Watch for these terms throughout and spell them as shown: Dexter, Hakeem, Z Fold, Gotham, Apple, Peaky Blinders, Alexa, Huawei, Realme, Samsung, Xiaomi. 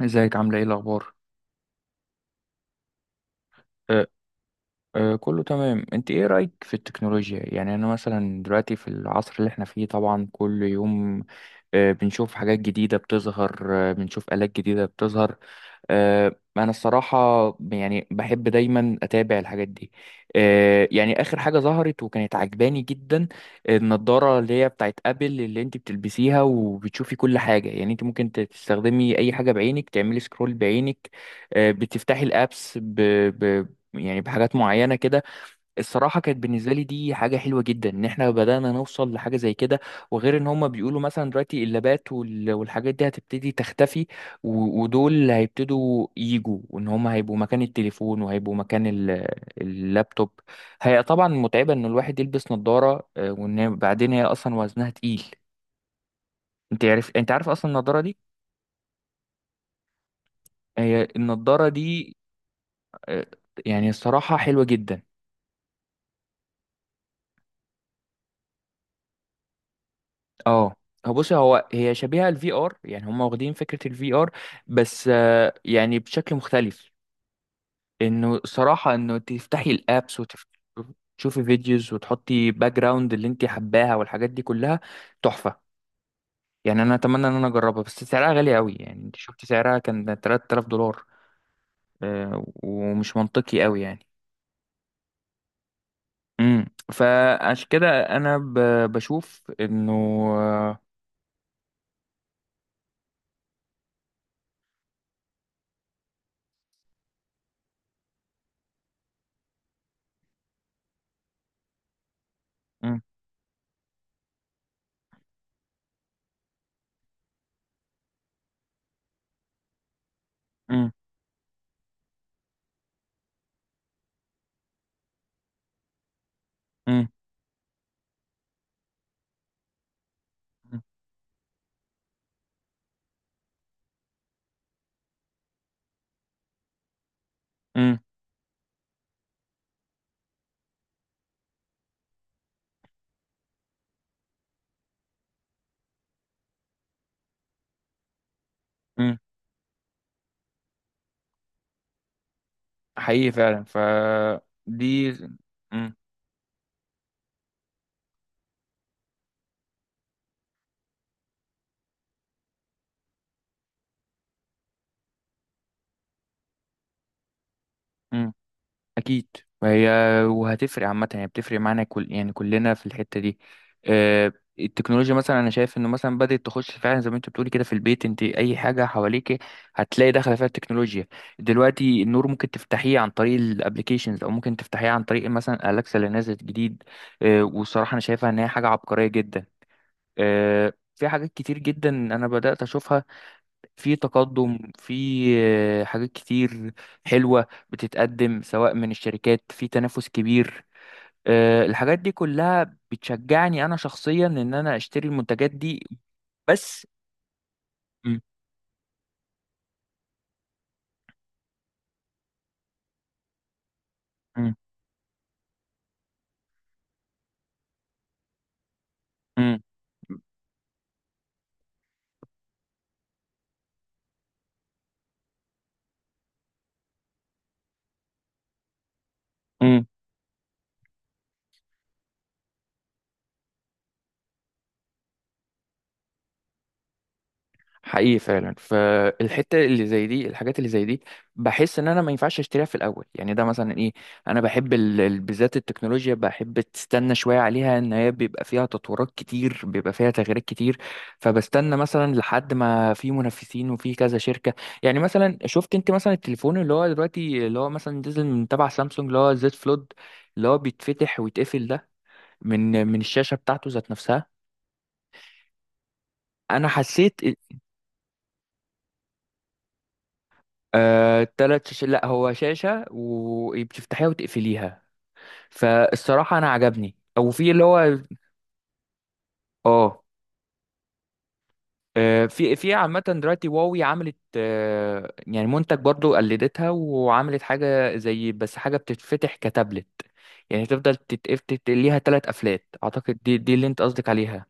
ازيك عاملة ايه الأخبار؟ أه أه، كله تمام، انت ايه رأيك في التكنولوجيا؟ يعني انا مثلا دلوقتي في العصر اللي احنا فيه طبعا كل يوم بنشوف حاجات جديدة بتظهر، بنشوف آلات جديدة بتظهر. انا الصراحه يعني بحب دايما اتابع الحاجات دي. يعني اخر حاجه ظهرت وكانت عجباني جدا النضاره اللي هي بتاعت ابل، اللي انت بتلبسيها وبتشوفي كل حاجه. يعني انت ممكن تستخدمي اي حاجه بعينك، تعملي سكرول بعينك، بتفتحي الابس ب... يعني بحاجات معينه كده. الصراحة كانت بالنسبة لي دي حاجة حلوة جدا ان احنا بدأنا نوصل لحاجة زي كده. وغير ان هما بيقولوا مثلا دلوقتي اللابات والحاجات دي هتبتدي تختفي، ودول هيبتدوا يجوا، وان هما هيبقوا مكان التليفون وهيبقوا مكان اللابتوب. هي طبعا متعبة ان الواحد يلبس نظارة، وان بعدين هي اصلا وزنها تقيل. انت عارف اصلا النظارة دي، النظارة دي. آه، يعني الصراحة حلوة جدا. اه، هو بص، هي شبيهة الفي ار، يعني هم واخدين فكرة الفي ار، بس يعني بشكل مختلف. انه صراحة انه تفتحي الابس وتشوفي فيديوز وتحطي باك جراوند اللي انت حباها والحاجات دي كلها تحفة. يعني انا اتمنى ان انا اجربها، بس سعرها غالي قوي. يعني انت شفت سعرها كان 3000 دولار، ومش منطقي قوي يعني. امم فعشان كده انا بشوف انه آه، مم، مم، مم، مم، مم، حقيقي فعلا. ف دي مم. مم. اكيد. وهي وهتفرق عامه، يعني بتفرق معانا، كل يعني كلنا في الحته دي. آه، التكنولوجيا مثلا انا شايف انه مثلا بدات تخش فعلا زي ما انت بتقولي كده في البيت. انت اي حاجه حواليك هتلاقي داخله فيها التكنولوجيا. دلوقتي النور ممكن تفتحيه عن طريق الابليكيشنز او ممكن تفتحيه عن طريق مثلا الاكسا اللي نازل جديد. والصراحه انا شايفها ان هي حاجه عبقريه جدا. في حاجات كتير جدا انا بدات اشوفها، في تقدم في حاجات كتير حلوة بتتقدم، سواء من الشركات في تنافس كبير. الحاجات دي كلها بتشجعني أنا شخصيا إن أنا أشتري المنتجات دي. بس مم، مم، مم، حقيقي فعلا. فالحته اللي زي دي، الحاجات اللي زي دي بحس ان انا ما ينفعش اشتريها في الاول. يعني ده مثلا ايه، انا بحب بالذات التكنولوجيا بحب تستنى شويه عليها، ان هي بيبقى فيها تطورات كتير، بيبقى فيها تغييرات كتير. فبستنى مثلا لحد ما في منافسين وفي كذا شركه. يعني مثلا شفت انت مثلا التليفون اللي هو دلوقتي اللي هو مثلا نزل من تبع سامسونج، اللي هو زد فلود، اللي هو بيتفتح ويتقفل ده من الشاشه بتاعته ذات نفسها. انا حسيت تلات شاشات. لا، هو شاشة وبتفتحيها وتقفليها. فالصراحة أنا عجبني أو في اللي هو اه. في في عامة دلوقتي واوي عملت يعني منتج برضو قلدتها وعملت حاجة زي، بس حاجة بتتفتح كتابلت. يعني تفضل تتقف ليها تلات قفلات، أعتقد دي اللي أنت قصدك عليها.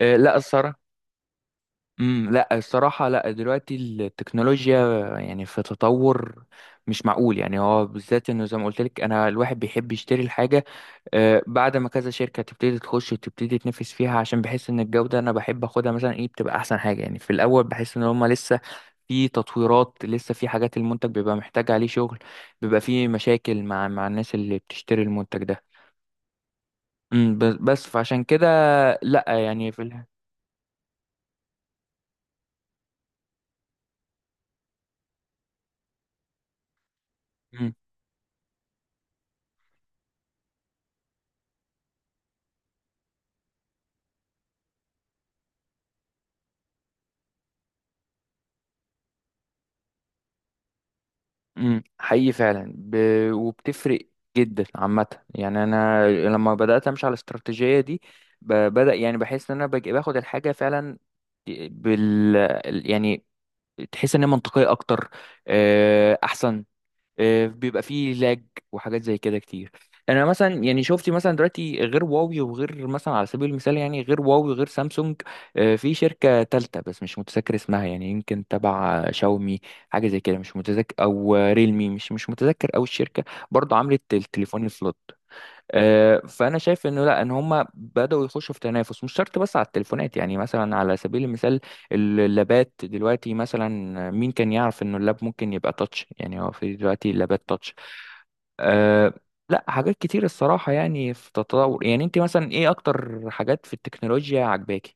لا الصراحة. لا الصراحة، لا دلوقتي التكنولوجيا يعني في تطور مش معقول. يعني هو بالذات، انه زي ما قلت لك انا الواحد بيحب يشتري الحاجة بعد ما كذا شركة تبتدي تخش وتبتدي تنافس فيها، عشان بحس ان الجودة انا بحب اخدها مثلا ايه، بتبقى احسن حاجة. يعني في الاول بحس ان هما لسه في تطويرات، لسه في حاجات المنتج بيبقى محتاج عليه شغل، بيبقى في مشاكل مع الناس اللي بتشتري المنتج ده. امم، بس فعشان كده لا، يعني في امم. حقيقي فعلا. وبتفرق جدا عامة. يعني أنا لما بدأت أمشي على الاستراتيجية دي بدأ يعني بحس إن أنا باخد الحاجة فعلا بال يعني تحس إن هي منطقية أكتر، أحسن. بيبقى فيه لاج وحاجات زي كده كتير. يعني انا مثلا يعني شفتي مثلا دلوقتي غير هواوي وغير مثلا، على سبيل المثال يعني، غير هواوي وغير سامسونج في شركة تالتة بس مش متذكر اسمها، يعني يمكن تبع شاومي حاجة زي كده مش متذكر، او ريلمي مش متذكر، او الشركة برضه عملت التليفون الفلوت. فانا شايف انه لا، ان هم بداوا يخشوا في تنافس مش شرط بس على التليفونات. يعني مثلا على سبيل المثال اللابات دلوقتي مثلا، مين كان يعرف انه اللاب ممكن يبقى تاتش؟ يعني هو في دلوقتي اللابات تاتش. أه، لا حاجات كتير الصراحة، يعني في تطور. يعني انت مثلا ايه اكتر حاجات في التكنولوجيا عجباكي؟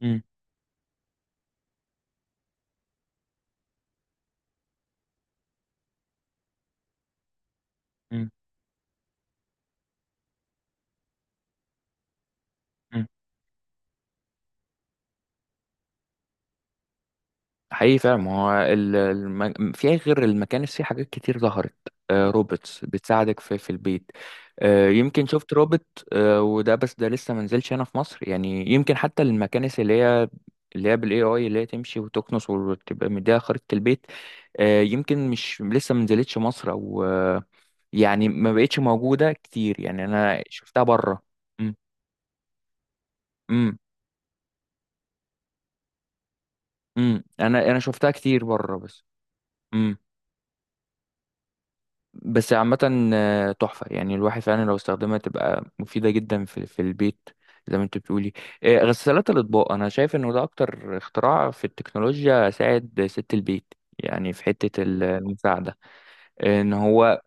مم، مم، حقيقي فعلا. ما هو في غير المكانس في حاجات كتير ظهرت، روبوتس بتساعدك في في البيت. يمكن شفت روبوت، وده بس ده لسه ما نزلش هنا في مصر. يعني يمكن حتى المكانس اللي هي اللي هي بالاي اي، اللي هي تمشي وتكنس وتبقى مديها خريطة البيت، يمكن مش، لسه ما نزلتش مصر او يعني ما بقتش موجودة كتير. يعني انا شفتها بره. امم امم انا شفتها كتير بره بس. امم. بس عامة تحفة. يعني الواحد فعلا لو استخدمها تبقى مفيدة جدا في في البيت زي ما انت بتقولي. غسالات الأطباق أنا شايف إنه ده أكتر اختراع في التكنولوجيا ساعد ست البيت، يعني في حتة المساعدة. إن هو،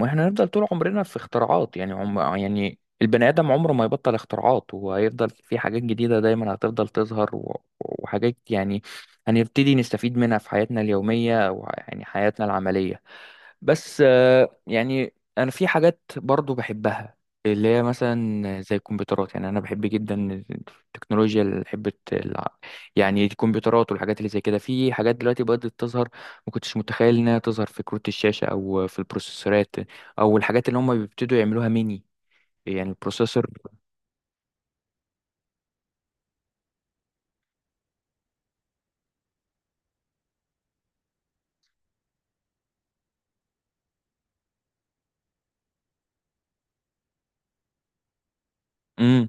وإحنا هنفضل طول عمرنا في اختراعات. يعني عم، يعني البني آدم عمره ما يبطل اختراعات، وهيفضل في حاجات جديدة دايما هتفضل تظهر، وحاجات يعني هنبتدي نستفيد منها في حياتنا اليومية ويعني حياتنا العملية. بس يعني انا في حاجات برضو بحبها اللي هي مثلا زي الكمبيوترات. يعني انا بحب جدا التكنولوجيا، اللي بحب يعني الكمبيوترات والحاجات اللي زي كده. في حاجات دلوقتي بدأت تظهر ما كنتش متخيل انها تظهر، في كروت الشاشة او في البروسيسورات، او الحاجات اللي هم بيبتدوا يعملوها ميني، يعني البروسيسور. امم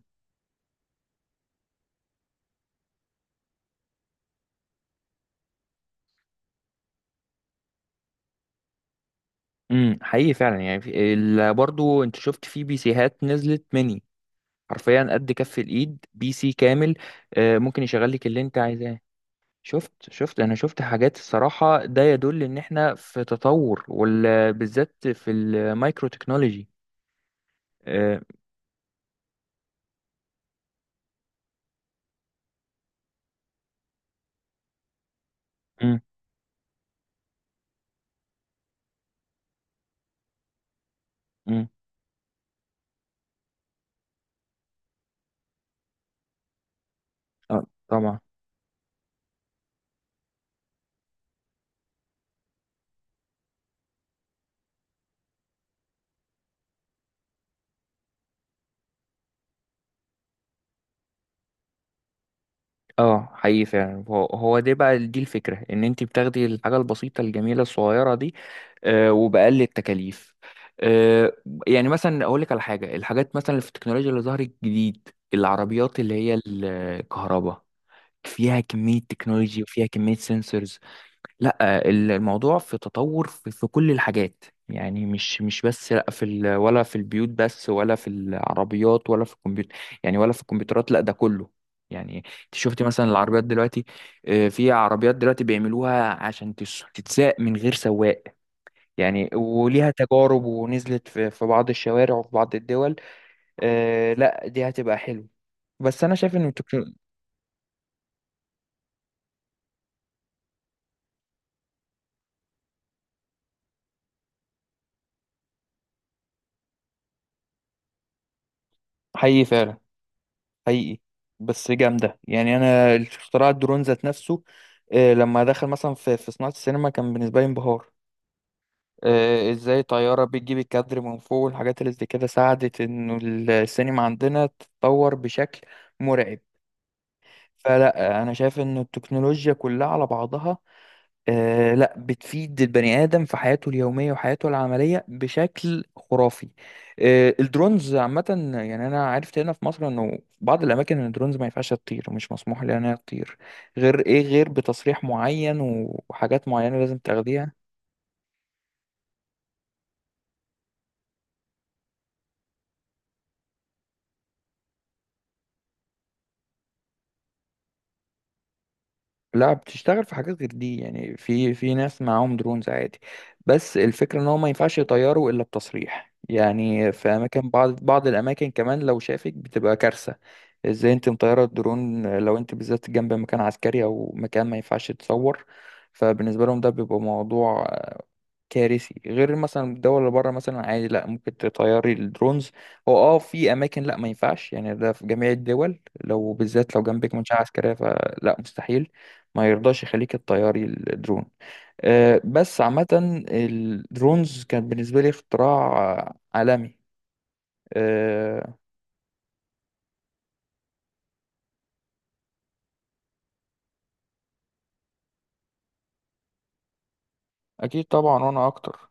حقيقي فعلا. يعني برضو انت شفت في بي سيهات نزلت ميني، حرفيا قد كف الايد بي سي كامل. ممكن يشغل لك اللي انت عايزاه. شفت، انا شفت حاجات، الصراحة ده يدل ان احنا في تطور وبالذات في المايكرو تكنولوجي. آه، أم، أم، آه، طبعا. اه حقيقي فعلا. هو هو ده بقى، دي الفكرة ان انت بتاخدي الحاجة البسيطة الجميلة الصغيرة دي وبأقل التكاليف. آه، يعني مثلا اقول لك على حاجة، الحاجات مثلا اللي في التكنولوجيا اللي ظهرت جديد، العربيات اللي هي الكهرباء، فيها كمية تكنولوجي وفيها كمية سنسورز. لا الموضوع في تطور في كل الحاجات. يعني مش بس لا في ولا في البيوت بس، ولا في العربيات، ولا في الكمبيوتر، يعني ولا في الكمبيوترات، لا ده كله. يعني انت شفتي مثلا العربيات دلوقتي في عربيات دلوقتي بيعملوها عشان تتساق من غير سواق. يعني وليها تجارب ونزلت في بعض الشوارع وفي بعض الدول. لا دي هتبقى حلو. بس انا شايف ان التكنولوجيا حقيقي فعلا، حقيقي. بس جامدة. يعني أنا اختراع الدرون ذات نفسه، لما دخل مثلا في في صناعة السينما كان بالنسبة لي انبهار. ازاي طيارة بتجيب الكادر من فوق والحاجات اللي زي كده، ساعدت انه السينما عندنا تتطور بشكل مرعب. فلا انا شايف ان التكنولوجيا كلها على بعضها آه لا بتفيد البني آدم في حياته اليومية وحياته العملية بشكل خرافي. آه الدرونز عامة، يعني أنا عرفت هنا في مصر إنه في بعض الأماكن إن الدرونز ما ينفعش تطير، مش مسموح لها إنها تطير غير إيه، غير بتصريح معين وحاجات معينة لازم تاخديها. لا بتشتغل في حاجات غير دي، يعني في في ناس معاهم درونز عادي، بس الفكرة ان هو ما ينفعش يطيروا الا بتصريح. يعني في اماكن، بعض الاماكن كمان لو شافك بتبقى كارثة. ازاي انت مطيرة الدرون لو انت بالذات جنب مكان عسكري او مكان ما ينفعش تصور؟ فبالنسبة لهم ده بيبقى موضوع كارثي. غير مثلا الدول اللي بره مثلا عادي، لا ممكن تطيري الدرونز. هو اه في اماكن لا ما ينفعش، يعني ده في جميع الدول، لو بالذات لو جنبك منشاه عسكريه فلا، مستحيل ما يرضاش يخليك تطيري الدرون. بس عامه الدرونز كان بالنسبه لي اختراع عالمي. آه، اكيد طبعا، وانا اكتر.